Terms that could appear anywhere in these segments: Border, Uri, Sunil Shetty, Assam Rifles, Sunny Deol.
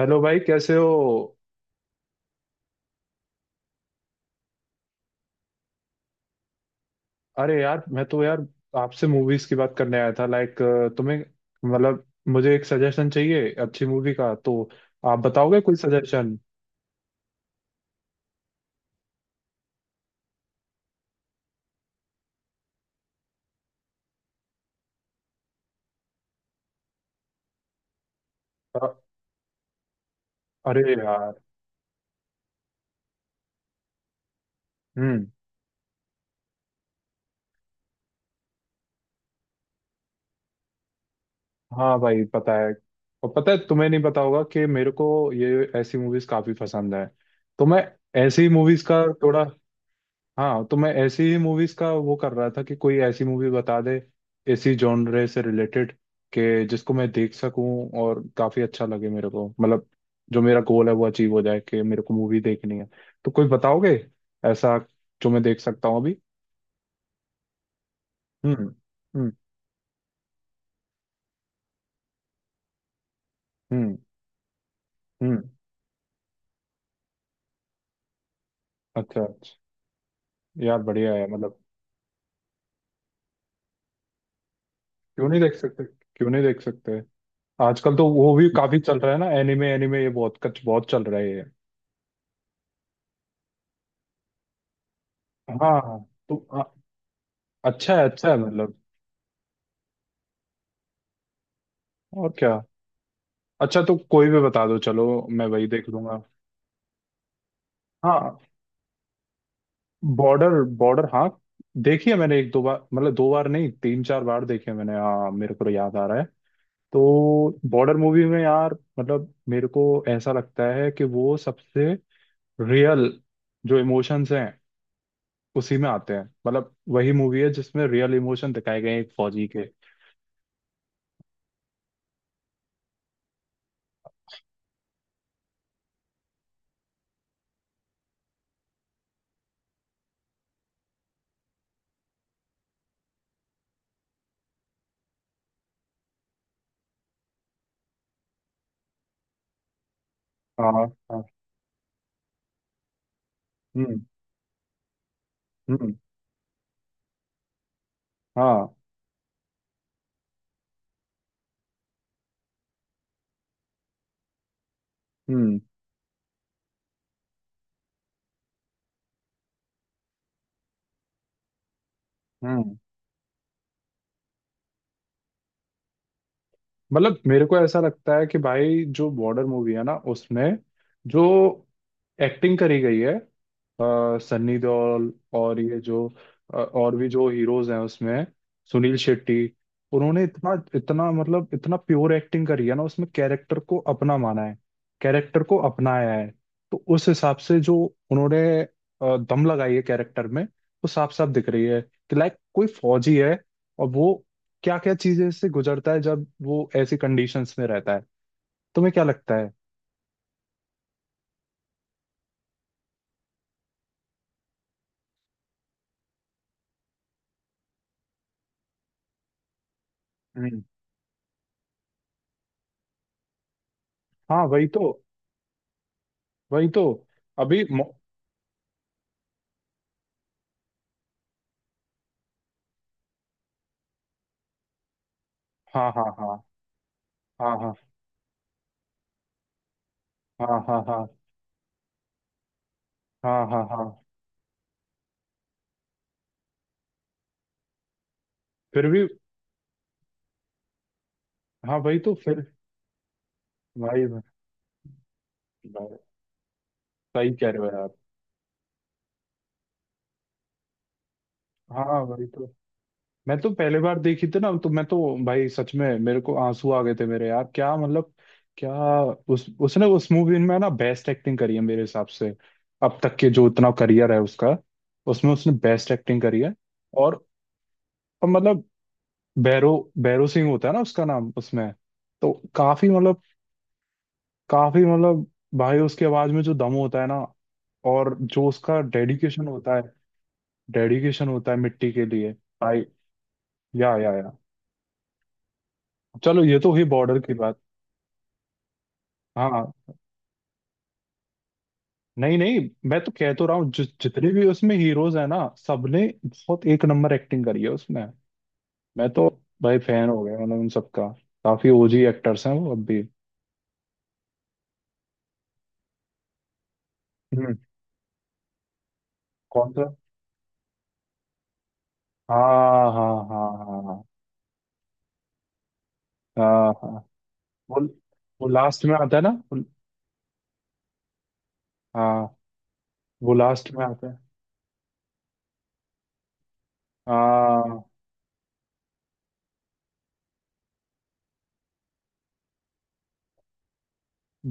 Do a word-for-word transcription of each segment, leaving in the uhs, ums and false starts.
Hello भाई, कैसे हो? अरे यार, मैं तो यार आपसे मूवीज की बात करने आया था। लाइक, तुम्हें, मतलब, मुझे एक सजेशन चाहिए अच्छी मूवी का। तो आप बताओगे कोई सजेशन? अरे यार। हम्म। हाँ भाई, पता है। और पता है, तुम्हें नहीं पता होगा कि मेरे को ये ऐसी मूवीज काफी पसंद है। तो मैं ऐसी मूवीज का थोड़ा। हाँ, तो मैं ऐसी ही मूवीज का वो कर रहा था कि कोई ऐसी मूवी बता दे इसी जॉनरे से रिलेटेड, कि जिसको मैं देख सकूं और काफी अच्छा लगे मेरे को। मतलब जो मेरा गोल है वो अचीव हो जाए कि मेरे को मूवी देखनी है। तो कोई बताओगे ऐसा जो मैं देख सकता हूँ अभी? हम्म। हम्म। हम्म। हम्म। अच्छा अच्छा। यार बढ़िया है, मतलब। क्यों नहीं देख सकते, क्यों नहीं देख सकते। आजकल तो वो भी काफी चल रहा है ना, एनिमे एनिमे ये बहुत कुछ बहुत चल रहा है ये। हाँ हाँ, तो अ- अच्छा है अच्छा है, मतलब। और क्या? अच्छा तो कोई भी बता दो, चलो। मैं वही देख लूंगा। हाँ। बॉर्डर, बॉर्डर, हाँ। देखी है मैंने, एक दो बार, मतलब दो बार नहीं, तीन चार बार देखी है मैंने। हाँ, मेरे को तो याद आ रहा है। तो बॉर्डर मूवी में यार, मतलब मेरे को ऐसा लगता है कि वो सबसे रियल जो इमोशंस हैं उसी में आते हैं। मतलब वही मूवी है जिसमें रियल इमोशन दिखाए गए हैं एक फौजी के। हाँ हाँ। हम्म। हम्म। हाँ। हम्म। हम्म। मतलब मेरे को ऐसा लगता है कि भाई जो बॉर्डर मूवी है ना उसमें जो एक्टिंग करी गई है अ, सन्नी देओल और ये जो अ, और भी जो हीरोज हैं उसमें, सुनील शेट्टी, उन्होंने इतना इतना मतलब इतना प्योर एक्टिंग करी है ना उसमें, कैरेक्टर को अपना माना है, कैरेक्टर को अपनाया है। तो उस हिसाब से जो उन्होंने अ, दम लगाई है कैरेक्टर में, वो साफ साफ दिख रही है कि लाइक कोई फौजी है और वो क्या क्या चीजें इससे गुजरता है जब वो ऐसी कंडीशंस में रहता है। तुम्हें क्या लगता है? हम्म। हाँ वही तो, वही तो। अभी मो- हाँ हाँ हाँ हाँ हाँ। हाँ हाँ। हाँ हाँ हाँ। हाँ फिर भी। हाँ वही तो फिर। भाई। भाई। सही कह रहे हो यार। हाँ वही तो। मैं तो पहली बार देखी थी ना, तो मैं तो, भाई सच में मेरे को आंसू आ गए थे मेरे, यार क्या मतलब, क्या, उस उसने उस मूवी में ना बेस्ट एक्टिंग करी है मेरे हिसाब से। अब तक के जो इतना करियर है उसका, उसमें उसने बेस्ट एक्टिंग करी है। और और मतलब, भैरव भैरव सिंह होता है ना उसका नाम उसमें, तो काफी मतलब, काफी मतलब, भाई उसकी आवाज में जो दम होता है ना और जो उसका डेडिकेशन होता है, डेडिकेशन होता है मिट्टी के लिए। भाई। या या या। चलो ये तो हुई बॉर्डर की बात। हाँ। नहीं नहीं, मैं तो कह तो रहा हूँ जि, जितने भी उसमें हीरोज है ना सबने बहुत एक नंबर एक्टिंग करी है उसमें। मैं तो, भाई फैन हो गया मतलब उन सबका। काफी ओजी एक्टर्स हैं वो अब भी। हम्म। कौन सा? हाँ हाँ हाँ हाँ। हाँ हाँ हाँ। वो वो लास्ट में आता है ना वो- हाँ, वो लास्ट में आता है। हाँ।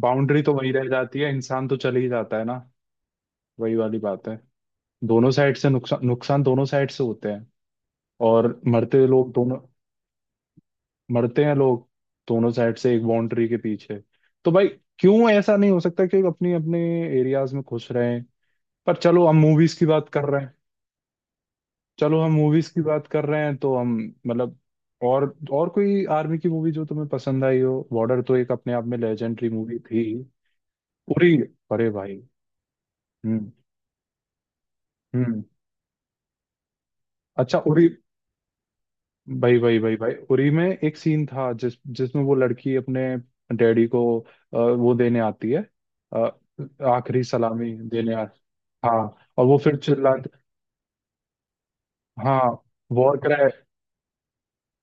बाउंड्री तो वही रह जाती है, इंसान तो चले ही जाता है ना। वही वाली बात है। दोनों साइड से नुकसान, नुकसान दोनों साइड से होते हैं। और मरते लोग दोनों, मरते हैं लोग, दोनों साइड से एक बाउंड्री के पीछे। तो भाई क्यों ऐसा नहीं हो सकता कि अपनी, अपने एरियाज में खुश रहें? पर चलो हम मूवीज की बात कर रहे हैं। चलो हम मूवीज की बात कर रहे हैं तो हम, मतलब, और और कोई आर्मी की मूवी जो तुम्हें पसंद आई हो? बॉर्डर तो एक अपने आप में लेजेंडरी मूवी थी। उरी। अरे भाई। हम्म। हम्म। अच्छा, उरी। भाई भाई भाई भाई, उरी में एक सीन था जिस जिसमें वो लड़की अपने डैडी को अ, वो देने आती है, अ, आखिरी सलामी देने आ। हाँ, और वो फिर चिल्ला। हाँ। वॉर कराए।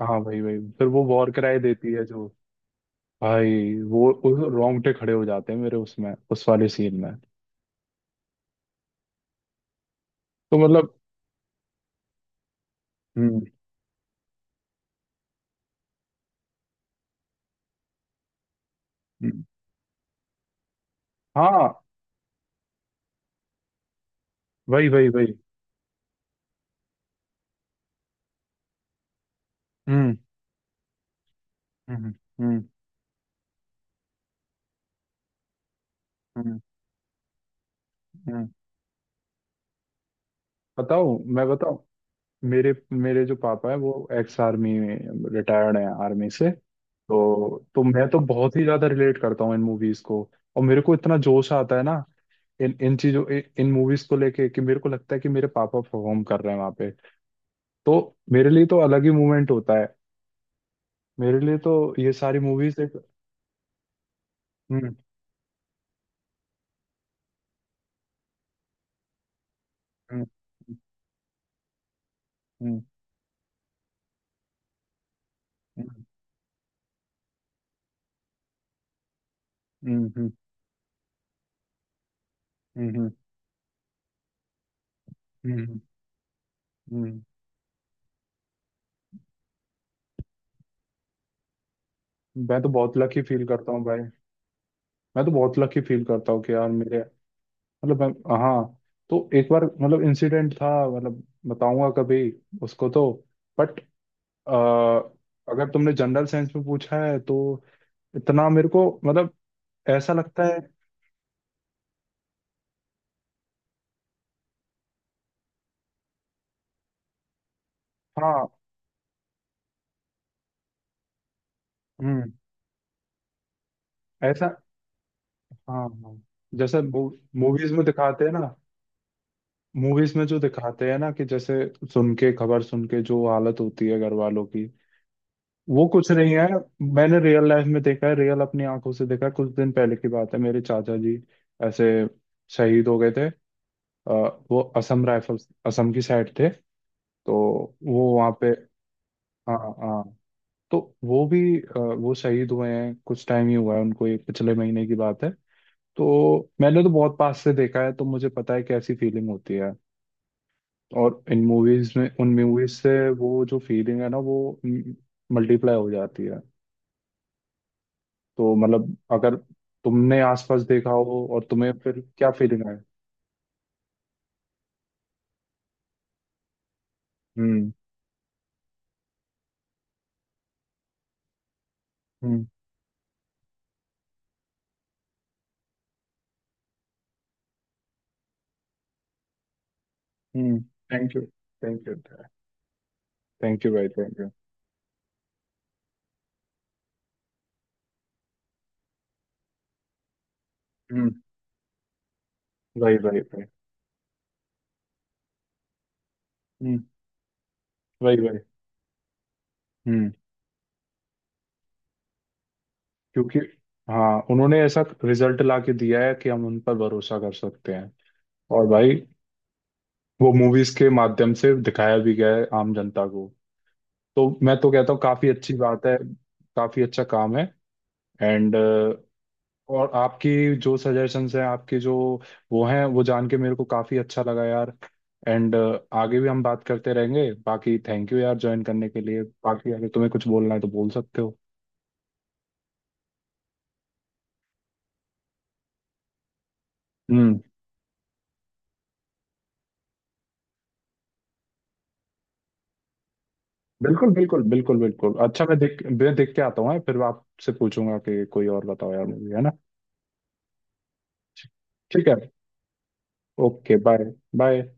हाँ, भाई भाई, फिर वो वॉर कराए देती है जो, भाई, वो उस रोंगटे खड़े हो जाते हैं मेरे उसमें, उस वाले सीन में। तो मतलब, हम्म। हम्म, हाँ वही वही वही। हम्म। हम्म। हम्म। हम्म। हम्म। बताऊं, मैं बताऊं, मेरे मेरे जो पापा है वो एक्स आर्मी में, रिटायर्ड हैं आर्मी से। तो तो मैं तो बहुत ही ज्यादा रिलेट करता हूँ इन मूवीज को। और मेरे को इतना जोश आता है ना इन इन चीजों इन, इन मूवीज को लेके, कि मेरे को लगता है कि मेरे पापा परफॉर्म कर रहे हैं वहां पे। तो मेरे लिए तो अलग ही मूवमेंट होता है। मेरे लिए तो ये सारी मूवीज एक। हम्म। हम्म। हम्म। हम्म। हम्म। हम्म। हम्म। हम्म। हम्म। हम्म, हम्म, हम्म। मैं तो बहुत लकी फील करता हूँ भाई। मैं तो बहुत लकी फील करता हूँ कि यार मेरे, मतलब हम- हाँ, तो एक बार, मतलब, इंसिडेंट था, मतलब बताऊंगा कभी उसको, तो बट अगर तुमने जनरल साइंस में पूछा है तो इतना मेरे को मतलब ऐसा लगता है। हाँ। हम्म। ऐसा, हाँ हाँ, जैसे मूवीज में दिखाते हैं ना, मूवीज में जो दिखाते हैं ना कि जैसे सुन के, खबर सुन के जो हालत होती है घर वालों की, वो कुछ नहीं है। मैंने रियल लाइफ में देखा है, रियल अपनी आंखों से देखा है। कुछ दिन पहले की बात है, मेरे चाचा जी ऐसे शहीद हो गए थे। अ, वो असम राइफल्स, असम की साइड थे। तो वो वहाँ पे, हाँ हाँ, तो वो भी अ, वो शहीद हुए हैं, कुछ टाइम ही हुआ है उनको, ये पिछले महीने की बात है। तो मैंने तो बहुत पास से देखा है, तो मुझे पता है कैसी फीलिंग होती है। और इन मूवीज में, उन मूवीज से वो जो फीलिंग है ना वो मल्टीप्लाई हो जाती है। तो मतलब अगर तुमने आसपास देखा हो और तुम्हें फिर क्या फीलिंग आए। हम्म। हम्म। हम्म। Thank you. Thank you. Thank you भाई, थैंक यू। हम्म। भाई भाई भाई। हम्म। भाई भाई। हम्म। क्योंकि, हाँ, उन्होंने ऐसा रिजल्ट ला के दिया है कि हम उन पर भरोसा कर सकते हैं। और भाई, वो मूवीज के माध्यम से दिखाया भी गया है आम जनता को। तो मैं तो कहता हूँ काफी अच्छी बात है, काफी अच्छा काम है। एंड, और आपकी जो सजेशंस हैं आपके जो वो हैं, वो जान के मेरे को काफ़ी अच्छा लगा यार। एंड, आगे भी हम बात करते रहेंगे। बाकी थैंक यू यार ज्वाइन करने के लिए। बाकी अगर तुम्हें कुछ बोलना है तो बोल सकते हो। हम्म। बिल्कुल बिल्कुल बिल्कुल बिल्कुल। अच्छा, मैं देख मैं देख के आता हूँ, फिर आपसे पूछूंगा कि कोई और बताओ यार मुझे, है ना? ठीक है। Okay, bye. बाय।